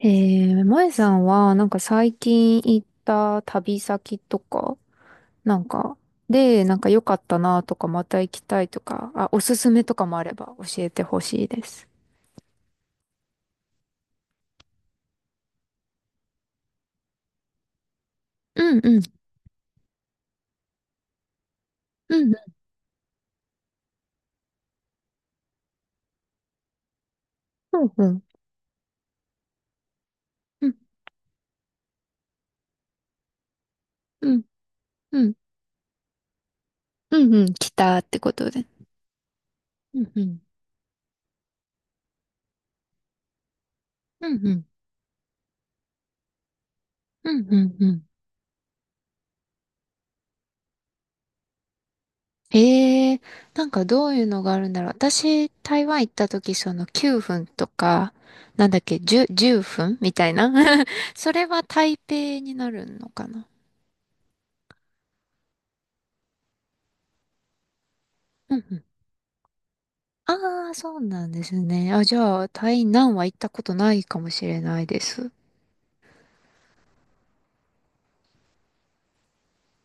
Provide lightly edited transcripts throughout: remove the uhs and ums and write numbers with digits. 前さんは、なんか最近行った旅先とか、なんか、で、なんか良かったなとか、また行きたいとか、あ、おすすめとかもあれば教えてほしいです。うんうん、うんうん、うんうん、うんうん、うんうん、来たってことで。うんうん、うんうん、うんうん、うん、ええ、なんかどういうのがあるんだろう。私、台湾行った時、その9分とか、なんだっけ、10、分みたいな。それは台北になるのかな。うんうん。ああ、そうなんですね。あ、じゃあ、台南は行ったことないかもしれないです。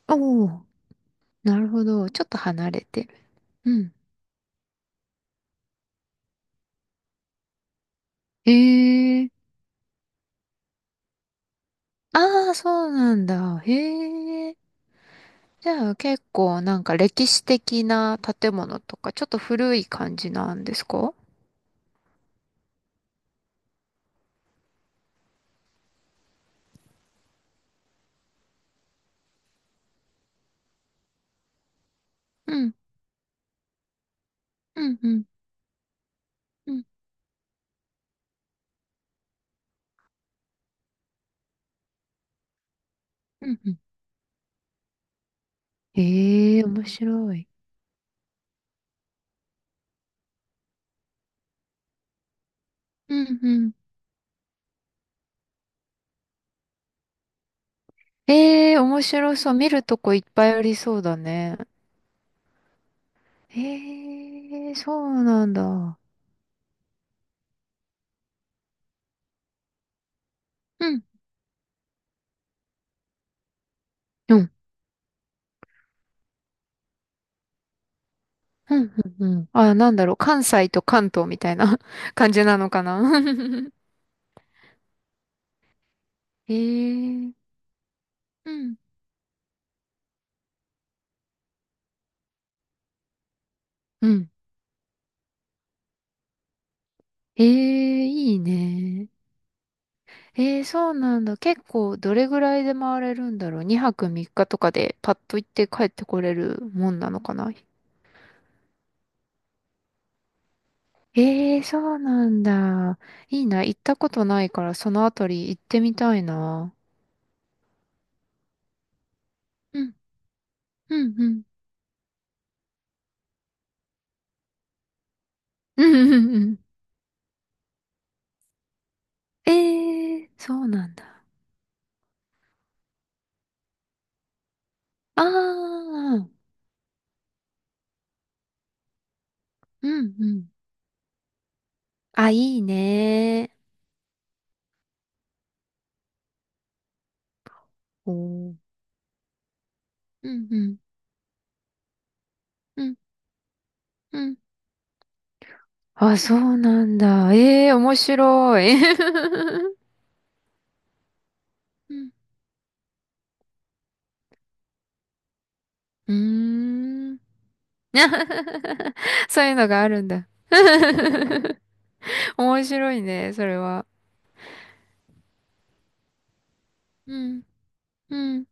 お、お、なるほど。ちょっと離れてる。うん。ええ、ああ、そうなんだ。へえ。じゃあ結構なんか歴史的な建物とか、ちょっと古い感じなんですか？うん、うん、うん、うん、うん、うん。へえ、面白い。うんうん、ええ、面白そう。見るとこいっぱいありそうだね。ええ、そうなんだ。うん。うん、うん、うん。うん、あ、なんだろう。関西と関東みたいな 感じなのかな。ええ、うん。うん。ええ、いいね。ええ、そうなんだ。結構、どれぐらいで回れるんだろう。2泊3日とかでパッと行って帰ってこれるもんなのかな。ええ、そうなんだ。いいな。行ったことないから、そのあたり行ってみたいな。うん、うん、うん。うんうんうん。ええ、そうなんだ。ああ、うんうん。あ、いいね。おー、うんうん、うん、うん。あ、そうなんだ。ええ、面白い。うん、うーん。そういうのがあるんだ。面白いね、それは。うん、うん。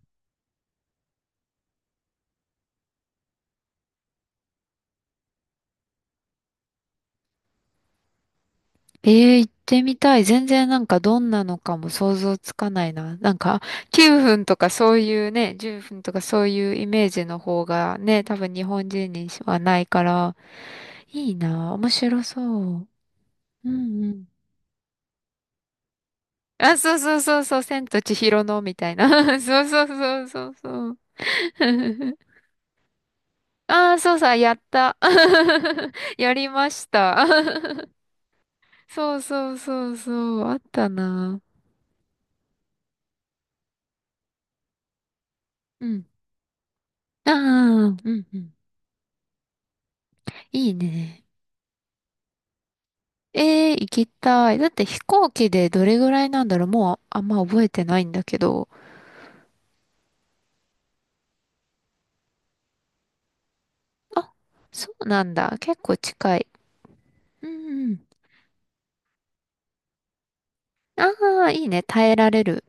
ええ、行ってみたい。全然なんかどんなのかも想像つかないな。なんか9分とかそういうね、10分とかそういうイメージの方がね、多分日本人にはないから、いいな。面白そう。うんうん。あ、そうそうそうそう、千と千尋のみたいな。そうそうそうそうそう。ああ、そうさ、やった。やりました。そうそうそうそう、あったな。うん。ああ、うんうん。いいね。ええ、行きたい。だって飛行機でどれぐらいなんだろう。もうあんま覚えてないんだけど。あ、そうなんだ。結構近い。うんうん。ああ、いいね。耐えられる。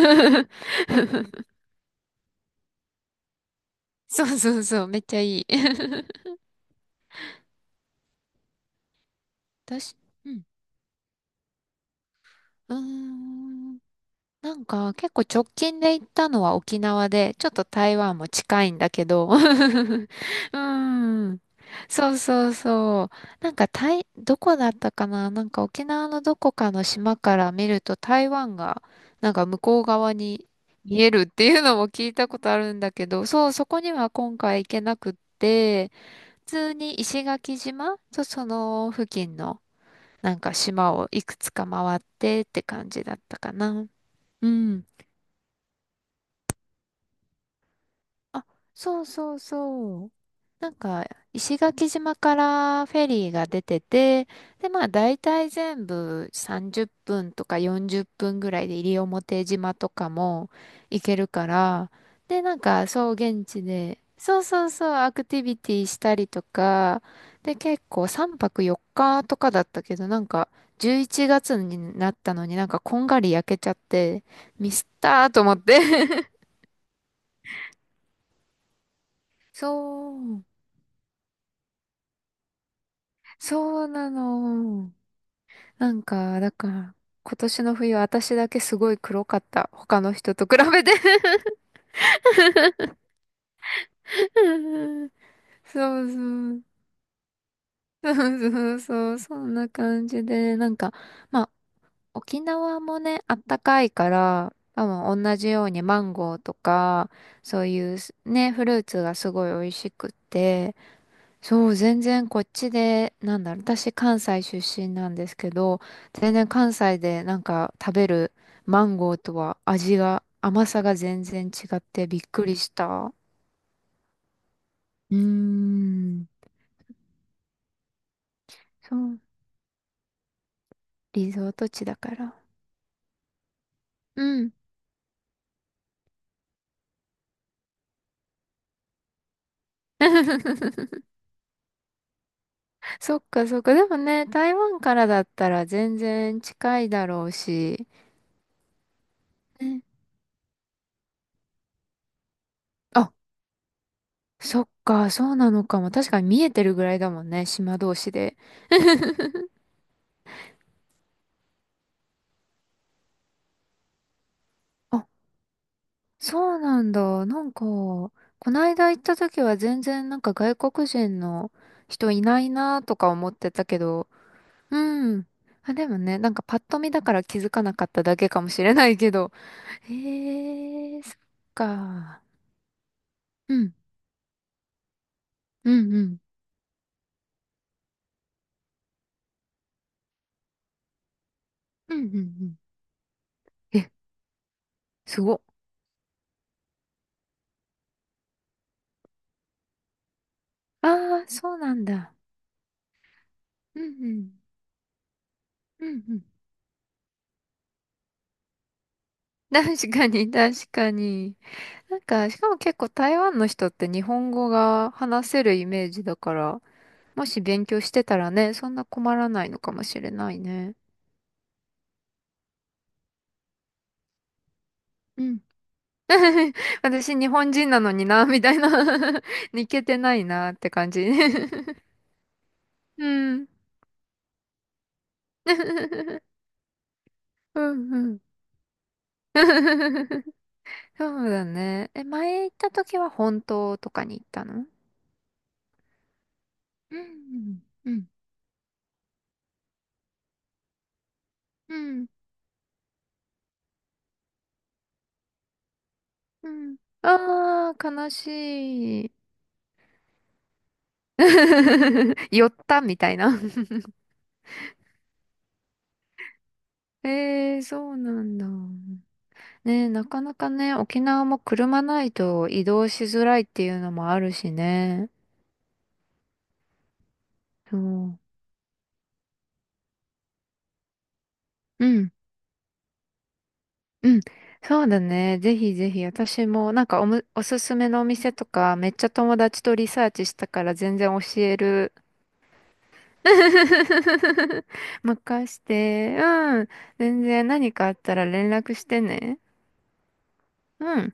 そうそうそう。めっちゃいい。私、うん。うーん。なんか結構直近で行ったのは沖縄で、ちょっと台湾も近いんだけど。うん。そうそうそう。なんかどこだったかな、なんか沖縄のどこかの島から見ると台湾がなんか向こう側に見えるっていうのも聞いたことあるんだけど、そう、そこには今回行けなくって、普通に石垣島とその付近のなんか島をいくつか回ってって感じだったかな。うん。あ、そうそうそう。なんか、石垣島からフェリーが出てて、で、まあ、大体全部30分とか40分ぐらいで西表島とかも行けるから、で、なんか、そう、現地で、そうそうそう、アクティビティしたりとか、で、結構3泊4日とかだったけど、なんか、11月になったのになんかこんがり焼けちゃって、ミスったーと思って。そう。そうなの。なんか、だから、今年の冬私だけすごい黒かった。他の人と比べて、うん。 そうそう。そうそうそう。そんな感じで、なんか、まあ、沖縄もね、あったかいから、多分同じようにマンゴーとか、そういうすね、フルーツがすごい美味しくって、そう、全然こっちで、なんだろう、私関西出身なんですけど、全然関西でなんか食べるマンゴーとは味が、甘さが全然違ってびっくりした。うーん。そう、リゾート地だから。うん。そっかそっか。でもね、台湾からだったら全然近いだろうし。ね、あ、そっか、そうなのかも。確かに見えてるぐらいだもんね、島同士で。そうなんだ。なんか、こないだ行った時は全然なんか外国人の人いないなとか思ってたけど、うん。あ、でもね、なんかパッと見だから気づかなかっただけかもしれないけど。へえ、そっか。うん、うん、うん。うん、うん、うん。え、すごっ。ああ、そうなんだ。うん、うん、うん、うん。確かに、確かに。なんか、しかも結構台湾の人って日本語が話せるイメージだから、もし勉強してたらね、そんな困らないのかもしれないね。うん。私、日本人なのにな、みたいな。 いけてないなって感じ。うん。うんうん。そうだね。え、前行った時は本当とかに行ったの？うんうんうんうん、ああー、悲しい。寄ったみたいな。えー、そうなんだ。ね、なかなかね、沖縄も車ないと移動しづらいっていうのもあるしね。そう。うん、うん。そうだね。ぜひぜひ、私もなんかおすすめのお店とか、めっちゃ友達とリサーチしたから全然教える。任して。うん。全然何かあったら連絡してね。うん。